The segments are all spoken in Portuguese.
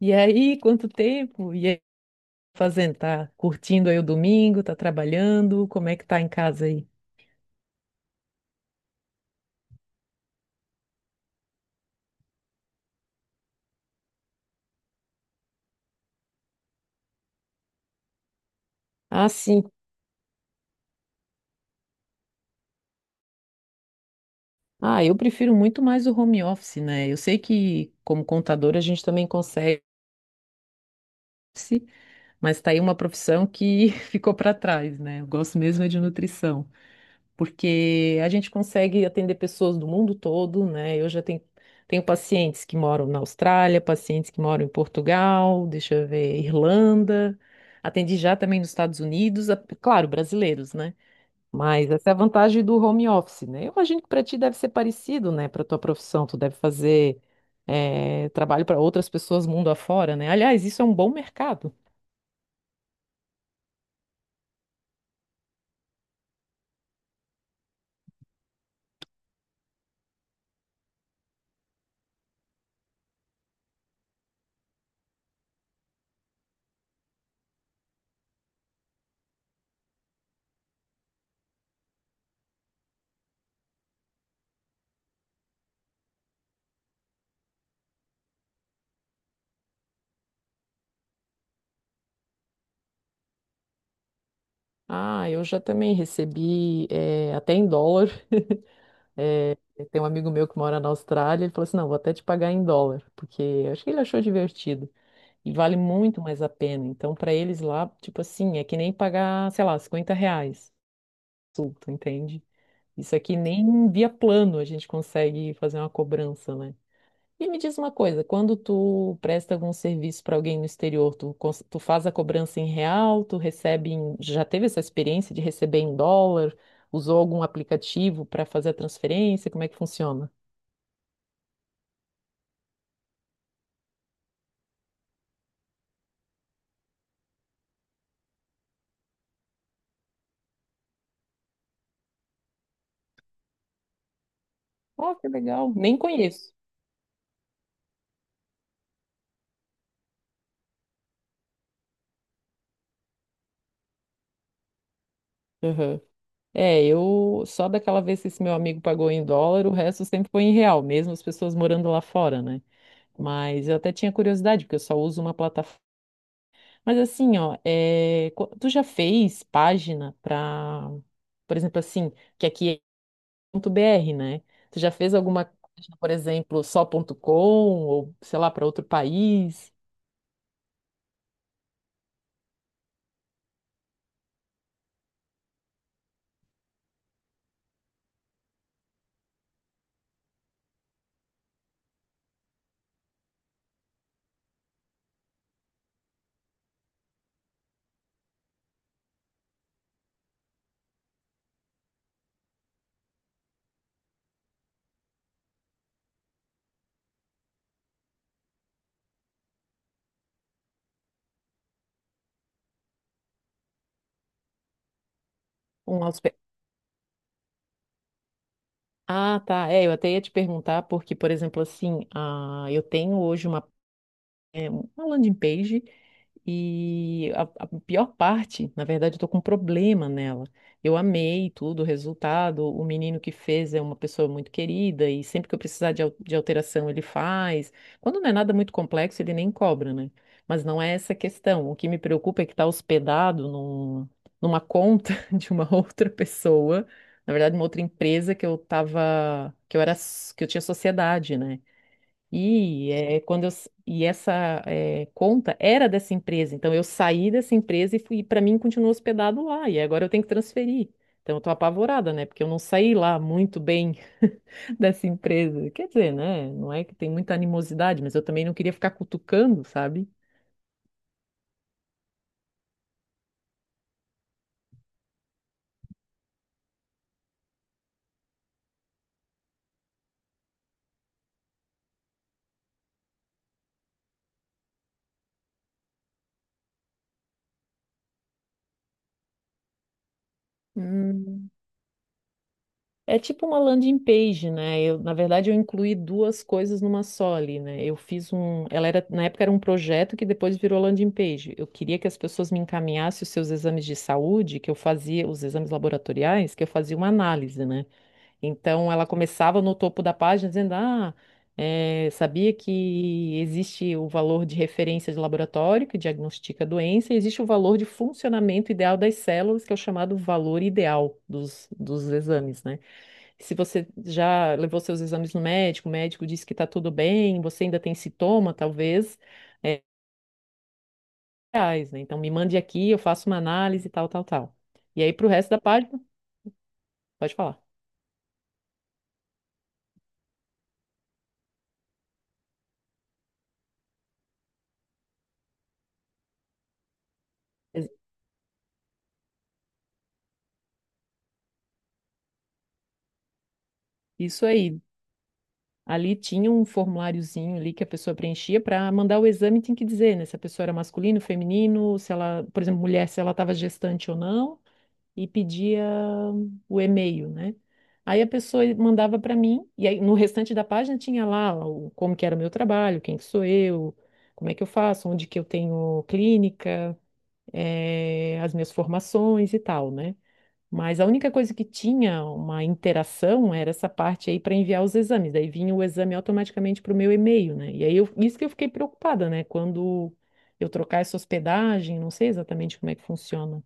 E aí, quanto tempo? E aí, fazendo? Tá curtindo aí o domingo? Tá trabalhando? Como é que tá em casa aí? Ah, sim. Ah, eu prefiro muito mais o home office, né? Eu sei que como contador a gente também consegue, mas tá aí uma profissão que ficou para trás, né? Eu gosto mesmo é de nutrição. Porque a gente consegue atender pessoas do mundo todo, né? Eu já tenho pacientes que moram na Austrália, pacientes que moram em Portugal, deixa eu ver, Irlanda. Atendi já também nos Estados Unidos, claro, brasileiros, né? Mas essa é a vantagem do home office, né? Eu imagino que para ti deve ser parecido, né? Para tua profissão, tu deve fazer trabalho para outras pessoas mundo afora, né? Aliás, isso é um bom mercado. Ah, eu já também recebi até em dólar. É. Tem um amigo meu que mora na Austrália, ele falou assim: não, vou até te pagar em dólar, porque eu acho que ele achou divertido. E vale muito mais a pena. Então, para eles lá, tipo assim, é que nem pagar, sei lá, R$ 50. Sulto, entende? Isso aqui nem via plano a gente consegue fazer uma cobrança, né? E me diz uma coisa: quando tu presta algum serviço para alguém no exterior, tu faz a cobrança em real, tu recebe em. Já teve essa experiência de receber em dólar? Usou algum aplicativo para fazer a transferência? Como é que funciona? Oh, que legal. Nem conheço. Aham. É, eu só daquela vez que esse meu amigo pagou em dólar, o resto sempre foi em real, mesmo as pessoas morando lá fora, né? Mas eu até tinha curiosidade, porque eu só uso uma plataforma. Mas assim, ó, tu já fez página pra, por exemplo, assim, que aqui é ponto .br, né? Tu já fez alguma página, por exemplo, só.com, ou sei lá, para outro país? Um hospe- Ah, tá. É, eu até ia te perguntar, porque, por exemplo, assim, ah, eu tenho hoje uma uma landing page e a pior parte, na verdade, eu tô com um problema nela. Eu amei tudo, o resultado, o menino que fez é uma pessoa muito querida e sempre que eu precisar de alteração ele faz. Quando não é nada muito complexo, ele nem cobra, né? Mas não é essa a questão. O que me preocupa é que está hospedado numa conta de uma outra pessoa, na verdade, uma outra empresa que eu tava, que eu era, que eu tinha sociedade, né? E quando e essa conta era dessa empresa, então eu saí dessa empresa e fui, para mim continuou hospedado lá, e agora eu tenho que transferir. Então eu tô apavorada, né? Porque eu não saí lá muito bem dessa empresa. Quer dizer, né? Não é que tem muita animosidade, mas eu também não queria ficar cutucando, sabe? Hum. É tipo uma landing page, né? Eu, na verdade, eu incluí duas coisas numa só ali, né? Eu fiz um, ela era, na época era um projeto que depois virou landing page. Eu queria que as pessoas me encaminhassem os seus exames de saúde, que eu fazia os exames laboratoriais, que eu fazia uma análise, né? Então ela começava no topo da página dizendo: "Ah, sabia que existe o valor de referência de laboratório que diagnostica a doença, e existe o valor de funcionamento ideal das células, que é o chamado valor ideal dos exames, né? Se você já levou seus exames no médico, o médico disse que está tudo bem, você ainda tem sintoma, talvez, é, reais, né? Então me mande aqui, eu faço uma análise, tal, tal, tal. E aí, para o resto da página, pode falar. Ex- Isso aí. Ali tinha um formuláriozinho ali que a pessoa preenchia para mandar o exame, tinha que dizer, né? Se a pessoa era masculino, feminino, se ela, por exemplo, mulher, se ela estava gestante ou não, e pedia o e-mail, né? Aí a pessoa mandava para mim, e aí no restante da página tinha lá o, como que era o meu trabalho, quem que sou eu, como é que eu faço, onde que eu tenho clínica, as minhas formações e tal, né? Mas a única coisa que tinha uma interação era essa parte aí para enviar os exames. Daí vinha o exame automaticamente para o meu e-mail, né? E aí isso que eu fiquei preocupada, né? Quando eu trocar essa hospedagem, não sei exatamente como é que funciona.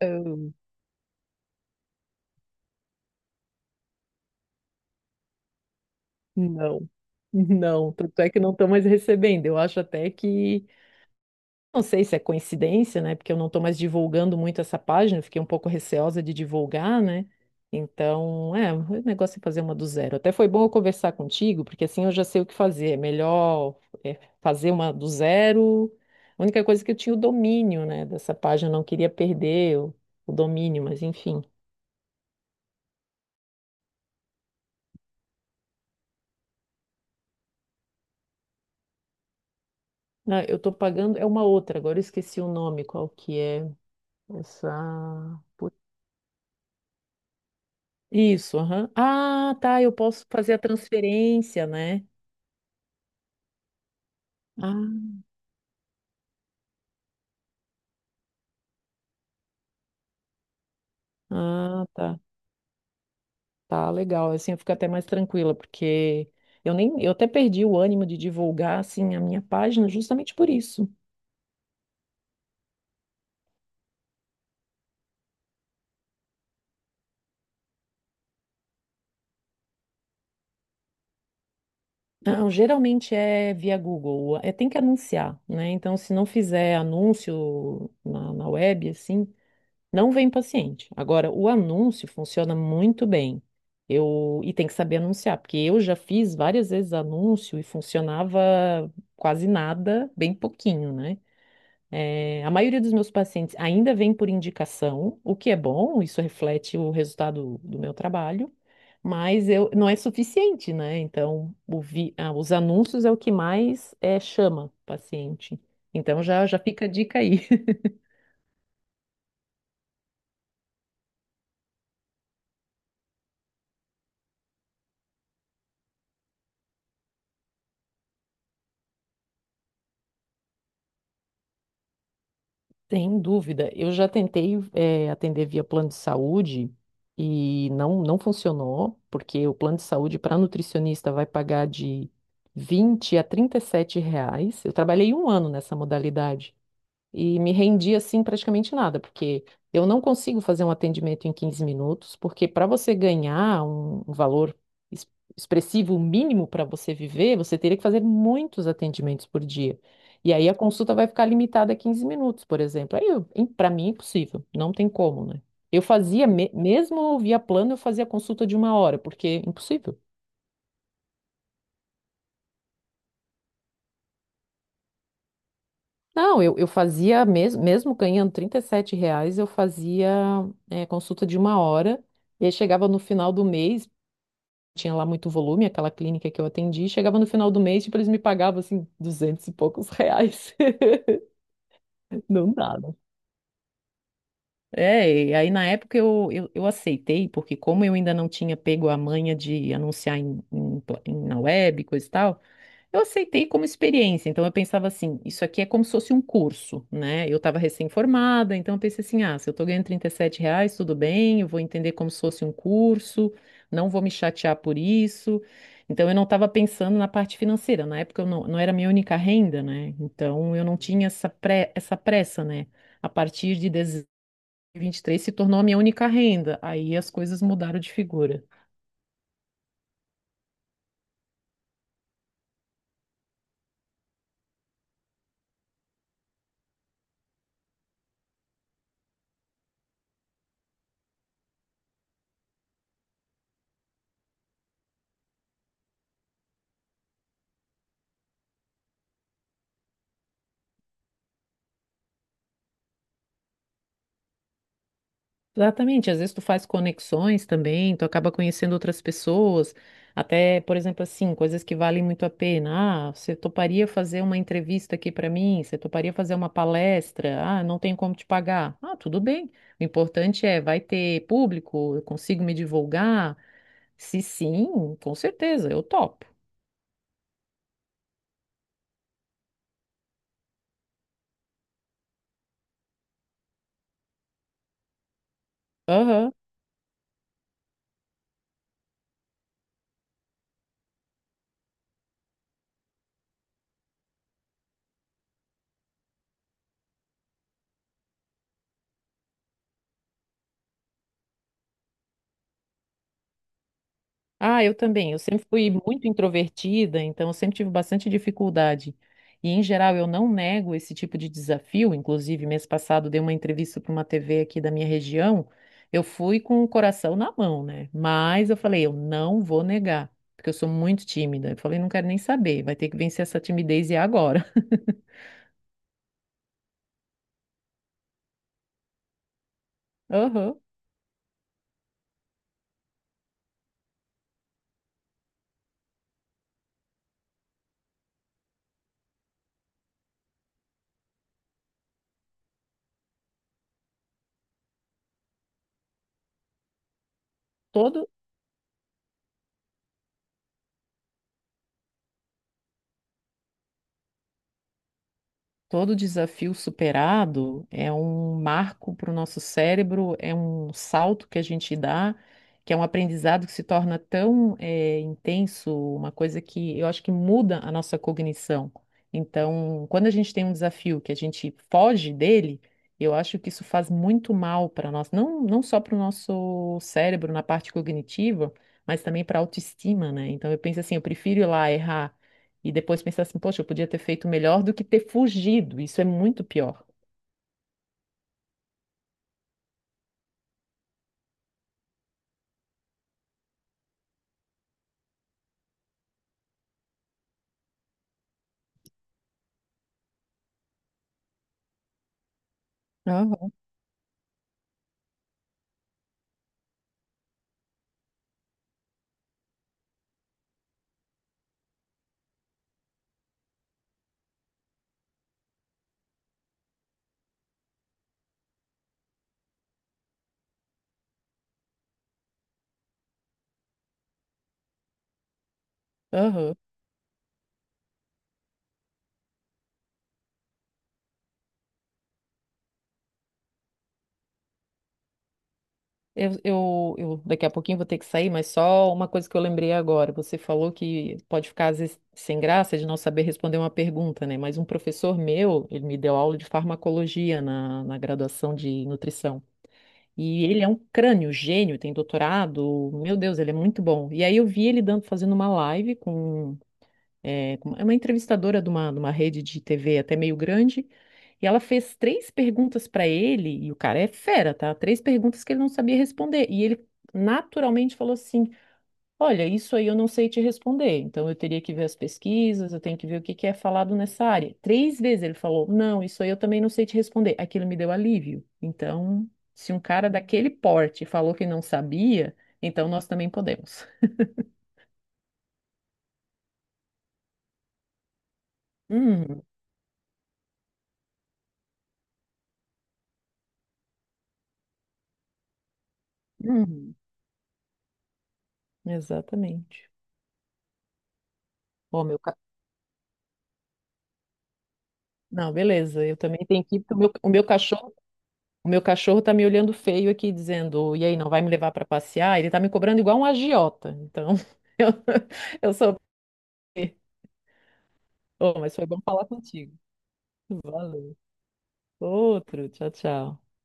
Não. Não, não, tanto é que não estou mais recebendo. Eu acho até que, não sei se é coincidência, né? Porque eu não estou mais divulgando muito essa página, eu fiquei um pouco receosa de divulgar, né? Então, o negócio é fazer uma do zero. Até foi bom eu conversar contigo, porque assim eu já sei o que fazer. É melhor fazer uma do zero. A única coisa é que eu tinha o domínio, né, dessa página, eu não queria perder o domínio, mas enfim. Ah, eu estou pagando, é uma outra, agora eu esqueci o nome, qual que é essa. Isso, aham. Ah, tá, eu posso fazer a transferência, né? Ah, ah, tá. Tá, legal. Assim eu fico até mais tranquila, porque eu nem, eu até perdi o ânimo de divulgar, assim, a minha página justamente por isso. Não, geralmente é via Google, tem que anunciar, né? Então, se não fizer anúncio na web, assim. Não vem paciente. Agora, o anúncio funciona muito bem. Eu, e tem que saber anunciar, porque eu já fiz várias vezes anúncio e funcionava quase nada, bem pouquinho, né? A maioria dos meus pacientes ainda vem por indicação, o que é bom, isso reflete o resultado do meu trabalho, mas não é suficiente, né? Então, os anúncios é o que mais chama paciente. Então, já, já fica a dica aí. Sem dúvida. Eu já tentei, atender via plano de saúde e não funcionou, porque o plano de saúde para nutricionista vai pagar de 20 a R$ 37. Eu trabalhei um ano nessa modalidade e me rendi assim praticamente nada, porque eu não consigo fazer um atendimento em 15 minutos, porque para você ganhar um valor es- expressivo mínimo para você viver, você teria que fazer muitos atendimentos por dia. E aí a consulta vai ficar limitada a 15 minutos, por exemplo. Aí, para mim, é impossível, não tem como, né? Eu fazia, mesmo via plano, eu fazia consulta de uma hora, porque é impossível. Não, eu fazia, mesmo ganhando R$ 37, eu fazia consulta de uma hora, e aí chegava no final do mês, tinha lá muito volume, aquela clínica que eu atendi, chegava no final do mês, tipo, eles me pagavam, assim, duzentos e poucos reais. Não dava. É, e aí na época eu aceitei, porque como eu ainda não tinha pego a manha de anunciar na web, coisa e tal. Eu aceitei como experiência, então eu pensava assim, isso aqui é como se fosse um curso, né? Eu estava recém-formada, então eu pensei assim, ah, se eu estou ganhando R$ 37, tudo bem, eu vou entender como se fosse um curso, não vou me chatear por isso. Então eu não estava pensando na parte financeira, na época eu não era minha única renda, né? Então eu não tinha essa pressa, né? A partir de 2023 se tornou a minha única renda, aí as coisas mudaram de figura. Exatamente, às vezes tu faz conexões também, tu acaba conhecendo outras pessoas, até, por exemplo, assim, coisas que valem muito a pena. Ah, você toparia fazer uma entrevista aqui para mim? Você toparia fazer uma palestra? Ah, não tem como te pagar. Ah, tudo bem. O importante é, vai ter público? Eu consigo me divulgar? Se sim, com certeza, eu topo. Aham. Ah, eu também. Eu sempre fui muito introvertida, então eu sempre tive bastante dificuldade. E, em geral, eu não nego esse tipo de desafio. Inclusive, mês passado, dei uma entrevista para uma TV aqui da minha região. Eu fui com o coração na mão, né? Mas eu falei, eu não vou negar, porque eu sou muito tímida. Eu falei, não quero nem saber, vai ter que vencer essa timidez e é agora. Aham. Todo Todo desafio superado é um marco para o nosso cérebro, é um salto que a gente dá, que é um aprendizado que se torna tão intenso, uma coisa que eu acho que muda a nossa cognição. Então, quando a gente tem um desafio que a gente foge dele, eu acho que isso faz muito mal para nós, não só para o nosso cérebro na parte cognitiva, mas também para a autoestima, né? Então, eu penso assim, eu prefiro ir lá errar. E depois pensar assim, poxa, eu podia ter feito melhor do que ter fugido. Isso é muito pior. Aham, aham. Eu daqui a pouquinho vou ter que sair, mas só uma coisa que eu lembrei agora. Você falou que pode ficar às vezes sem graça de não saber responder uma pergunta, né? Mas um professor meu, ele me deu aula de farmacologia na graduação de nutrição. E ele é um crânio, gênio, tem doutorado. Meu Deus, ele é muito bom. E aí eu vi ele dando, fazendo uma live com uma entrevistadora de uma rede de TV até meio grande, e ela fez três perguntas para ele, e o cara é fera, tá? Três perguntas que ele não sabia responder, e ele naturalmente falou assim: Olha, isso aí eu não sei te responder, então eu teria que ver as pesquisas, eu tenho que ver o que que é falado nessa área. Três vezes ele falou: Não, isso aí eu também não sei te responder. Aquilo me deu alívio. Então, se um cara daquele porte falou que não sabia, então nós também podemos. Uhum, uhum, exatamente. Ó, meu Não, beleza. Eu também tenho que ir, porque o meu cachorro tá me olhando feio aqui, dizendo, e aí, não vai me levar para passear? Ele tá me cobrando igual um agiota. Então, eu, eu sou. Oh, mas foi bom falar contigo. Valeu. Outro, tchau, tchau.